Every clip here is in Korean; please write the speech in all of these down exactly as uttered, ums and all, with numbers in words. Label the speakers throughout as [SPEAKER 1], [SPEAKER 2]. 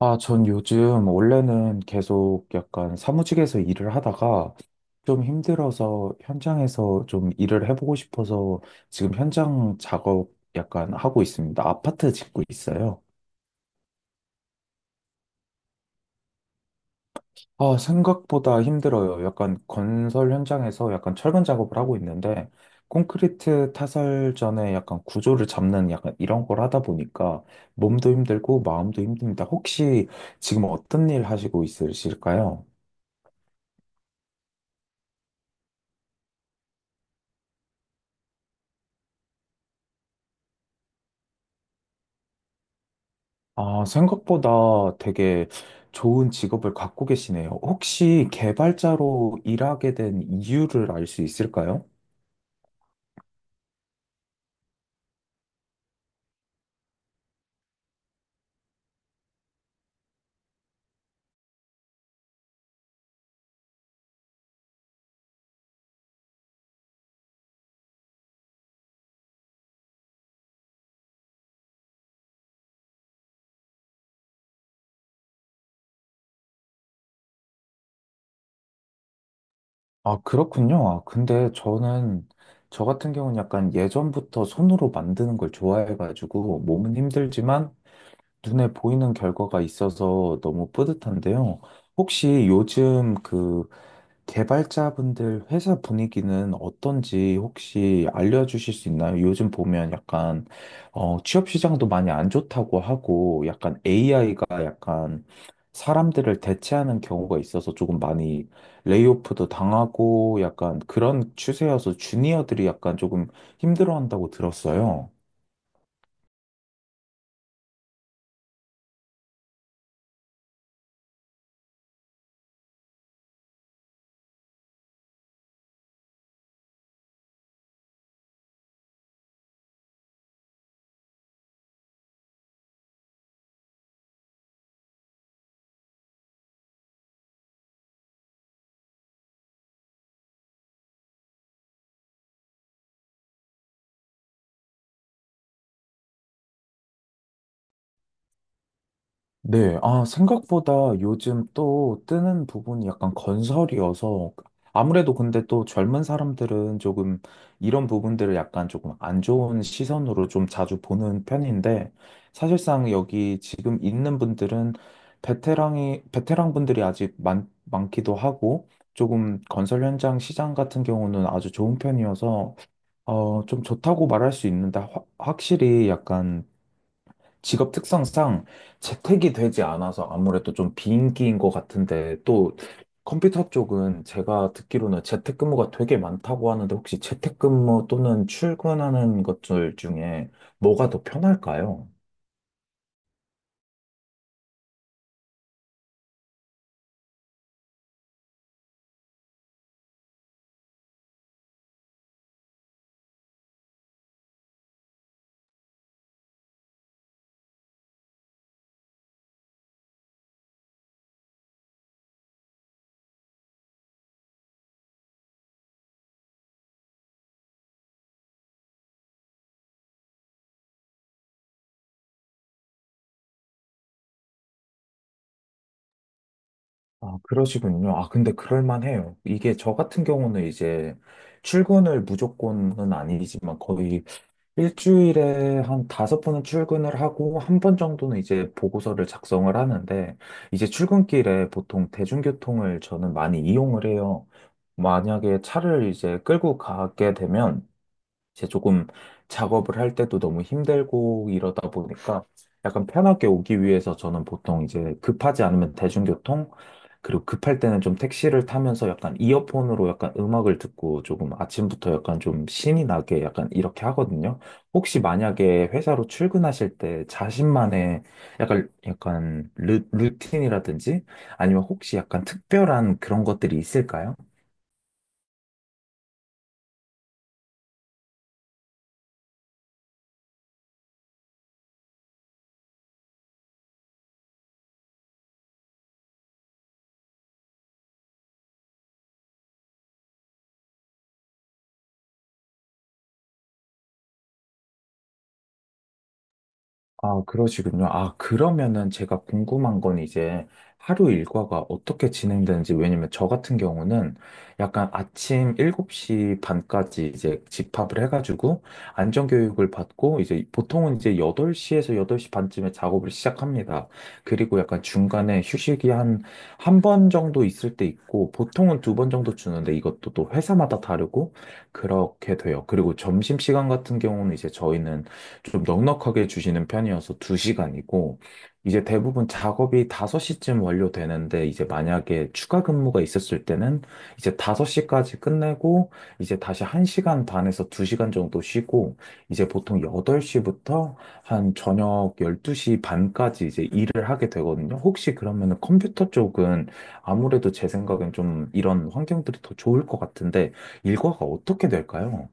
[SPEAKER 1] 아, 전 요즘 원래는 계속 약간 사무직에서 일을 하다가 좀 힘들어서 현장에서 좀 일을 해보고 싶어서 지금 현장 작업 약간 하고 있습니다. 아파트 짓고 있어요. 아, 생각보다 힘들어요. 약간 건설 현장에서 약간 철근 작업을 하고 있는데 콘크리트 타설 전에 약간 구조를 잡는 약간 이런 걸 하다 보니까 몸도 힘들고 마음도 힘듭니다. 혹시 지금 어떤 일 하시고 있으실까요? 아, 생각보다 되게 좋은 직업을 갖고 계시네요. 혹시 개발자로 일하게 된 이유를 알 수 있을까요? 아, 그렇군요. 아, 근데 저는, 저 같은 경우는 약간 예전부터 손으로 만드는 걸 좋아해가지고, 몸은 힘들지만 눈에 보이는 결과가 있어서 너무 뿌듯한데요. 혹시 요즘 그 개발자분들 회사 분위기는 어떤지 혹시 알려주실 수 있나요? 요즘 보면 약간 어, 취업 시장도 많이 안 좋다고 하고 약간 에이아이가 약간 사람들을 대체하는 경우가 있어서 조금 많이 레이오프도 당하고 약간 그런 추세여서 주니어들이 약간 조금 힘들어한다고 들었어요. 네, 아, 생각보다 요즘 또 뜨는 부분이 약간 건설이어서 아무래도 근데 또 젊은 사람들은 조금 이런 부분들을 약간 조금 안 좋은 시선으로 좀 자주 보는 편인데 사실상 여기 지금 있는 분들은 베테랑이, 베테랑 분들이 아직 많, 많기도 하고 조금 건설 현장 시장 같은 경우는 아주 좋은 편이어서 어, 좀 좋다고 말할 수 있는데 확- 확실히 약간 직업 특성상 재택이 되지 않아서 아무래도 좀 비인기인 것 같은데 또 컴퓨터 쪽은 제가 듣기로는 재택근무가 되게 많다고 하는데 혹시 재택근무 또는 출근하는 것들 중에 뭐가 더 편할까요? 아, 그러시군요. 아, 근데 그럴만해요. 이게 저 같은 경우는 이제 출근을 무조건은 아니지만 거의 일주일에 한 다섯 번은 출근을 하고 한 번 정도는 이제 보고서를 작성을 하는데 이제 출근길에 보통 대중교통을 저는 많이 이용을 해요. 만약에 차를 이제 끌고 가게 되면 이제 조금 작업을 할 때도 너무 힘들고 이러다 보니까 약간 편하게 오기 위해서 저는 보통 이제 급하지 않으면 대중교통, 그리고 급할 때는 좀 택시를 타면서 약간 이어폰으로 약간 음악을 듣고 조금 아침부터 약간 좀 신이 나게 약간 이렇게 하거든요. 혹시 만약에 회사로 출근하실 때 자신만의 약간, 약간 루, 루틴이라든지 아니면 혹시 약간 특별한 그런 것들이 있을까요? 아, 그러시군요. 아, 그러면은 제가 궁금한 건 이제 하루 일과가 어떻게 진행되는지, 왜냐면 저 같은 경우는 약간 아침 일곱 시 반까지 이제 집합을 해가지고 안전교육을 받고 이제 보통은 이제 여덟 시에서 여덟 시 반쯤에 작업을 시작합니다. 그리고 약간 중간에 휴식이 한, 한 번 정도 있을 때 있고 보통은 두 번 정도 주는데 이것도 또 회사마다 다르고 그렇게 돼요. 그리고 점심시간 같은 경우는 이제 저희는 좀 넉넉하게 주시는 편이어서 두 시간이고, 이제 대부분 작업이 다섯 시쯤 완료되는데, 이제 만약에 추가 근무가 있었을 때는 이제 다섯 시까지 끝내고, 이제 다시 한 시간 반에서 두 시간 정도 쉬고, 이제 보통 여덟 시부터 한 저녁 열두 시 반까지 이제 일을 하게 되거든요. 혹시 그러면은 컴퓨터 쪽은 아무래도 제 생각엔 좀 이런 환경들이 더 좋을 것 같은데, 일과가 어떻게 될까요?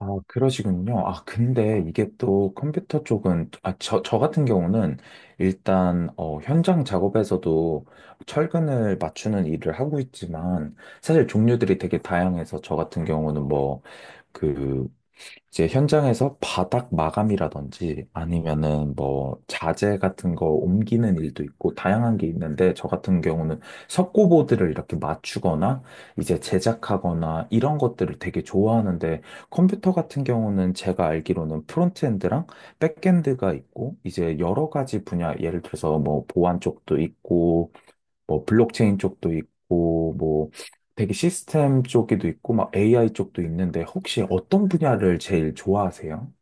[SPEAKER 1] 아, 그러시군요. 아, 근데 이게 또 컴퓨터 쪽은, 아, 저, 저 같은 경우는 일단, 어, 현장 작업에서도 철근을 맞추는 일을 하고 있지만, 사실 종류들이 되게 다양해서 저 같은 경우는 뭐, 그 이제 현장에서 바닥 마감이라든지 아니면은 뭐 자재 같은 거 옮기는 일도 있고 다양한 게 있는데 저 같은 경우는 석고보드를 이렇게 맞추거나 이제 제작하거나 이런 것들을 되게 좋아하는데 컴퓨터 같은 경우는 제가 알기로는 프론트엔드랑 백엔드가 있고 이제 여러 가지 분야 예를 들어서 뭐 보안 쪽도 있고 뭐 블록체인 쪽도 있고 뭐 되게 시스템 쪽에도 있고 막 에이아이 쪽도 있는데 혹시 어떤 분야를 제일 좋아하세요?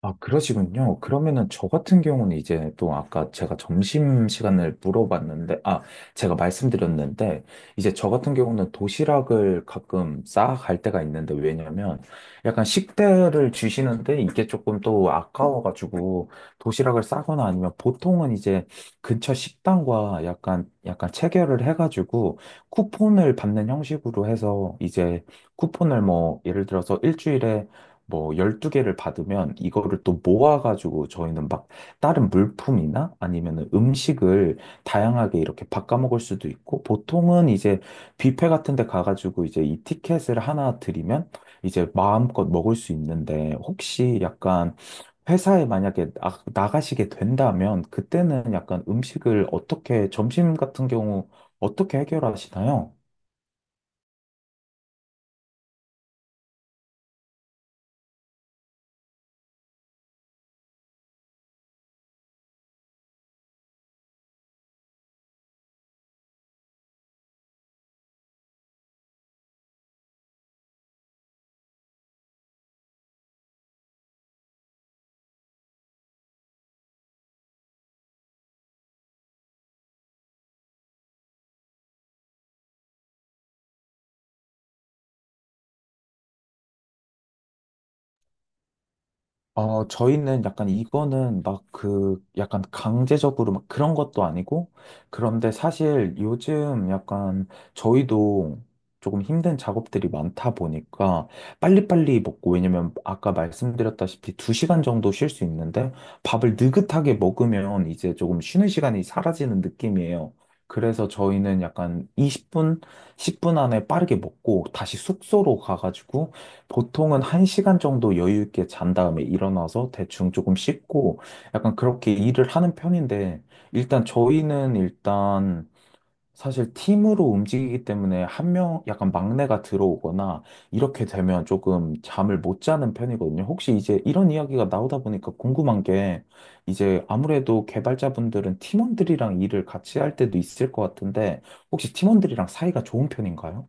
[SPEAKER 1] 아, 그러시군요. 그러면은 저 같은 경우는 이제 또 아까 제가 점심 시간을 물어봤는데, 아, 제가 말씀드렸는데, 이제 저 같은 경우는 도시락을 가끔 싸갈 때가 있는데, 왜냐면 약간 식대를 주시는데 이게 조금 또 아까워가지고 도시락을 싸거나 아니면 보통은 이제 근처 식당과 약간, 약간 체결을 해가지고 쿠폰을 받는 형식으로 해서 이제 쿠폰을 뭐 예를 들어서 일주일에 뭐 열두 개를 받으면 이거를 또 모아가지고 저희는 막 다른 물품이나 아니면 음식을 다양하게 이렇게 바꿔 먹을 수도 있고 보통은 이제 뷔페 같은 데 가가지고 이제 이 티켓을 하나 드리면 이제 마음껏 먹을 수 있는데 혹시 약간 회사에 만약에 나, 나가시게 된다면 그때는 약간 음식을 어떻게 점심 같은 경우 어떻게 해결하시나요? 어, 저희는 약간 이거는 막 그, 약간 강제적으로 막 그런 것도 아니고, 그런데 사실 요즘 약간 저희도 조금 힘든 작업들이 많다 보니까 빨리빨리 먹고, 왜냐면 아까 말씀드렸다시피 두시간 정도 쉴 수 있는데 밥을 느긋하게 먹으면 이제 조금 쉬는 시간이 사라지는 느낌이에요. 그래서 저희는 약간 이십 분, 십 분 안에 빠르게 먹고 다시 숙소로 가가지고 보통은 한시간 정도 여유 있게 잔 다음에 일어나서 대충 조금 씻고 약간 그렇게 일을 하는 편인데 일단 저희는 일단 사실 팀으로 움직이기 때문에 한 명 약간 막내가 들어오거나 이렇게 되면 조금 잠을 못 자는 편이거든요. 혹시 이제 이런 이야기가 나오다 보니까 궁금한 게 이제 아무래도 개발자분들은 팀원들이랑 일을 같이 할 때도 있을 것 같은데 혹시 팀원들이랑 사이가 좋은 편인가요?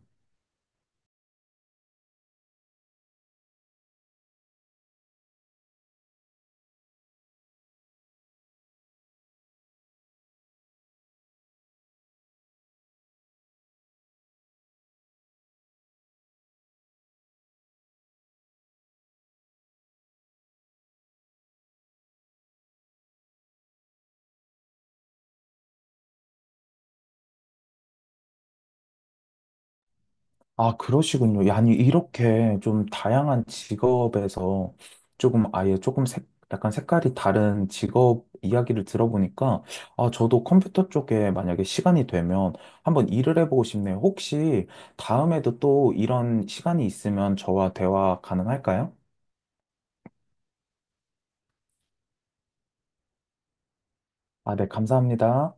[SPEAKER 1] 아, 그러시군요. 야, 아니, 이렇게 좀 다양한 직업에서 조금 아예 조금 색, 약간 색깔이 다른 직업 이야기를 들어보니까, 아, 저도 컴퓨터 쪽에 만약에 시간이 되면 한번 일을 해보고 싶네요. 혹시 다음에도 또 이런 시간이 있으면 저와 대화 가능할까요? 아, 네, 감사합니다.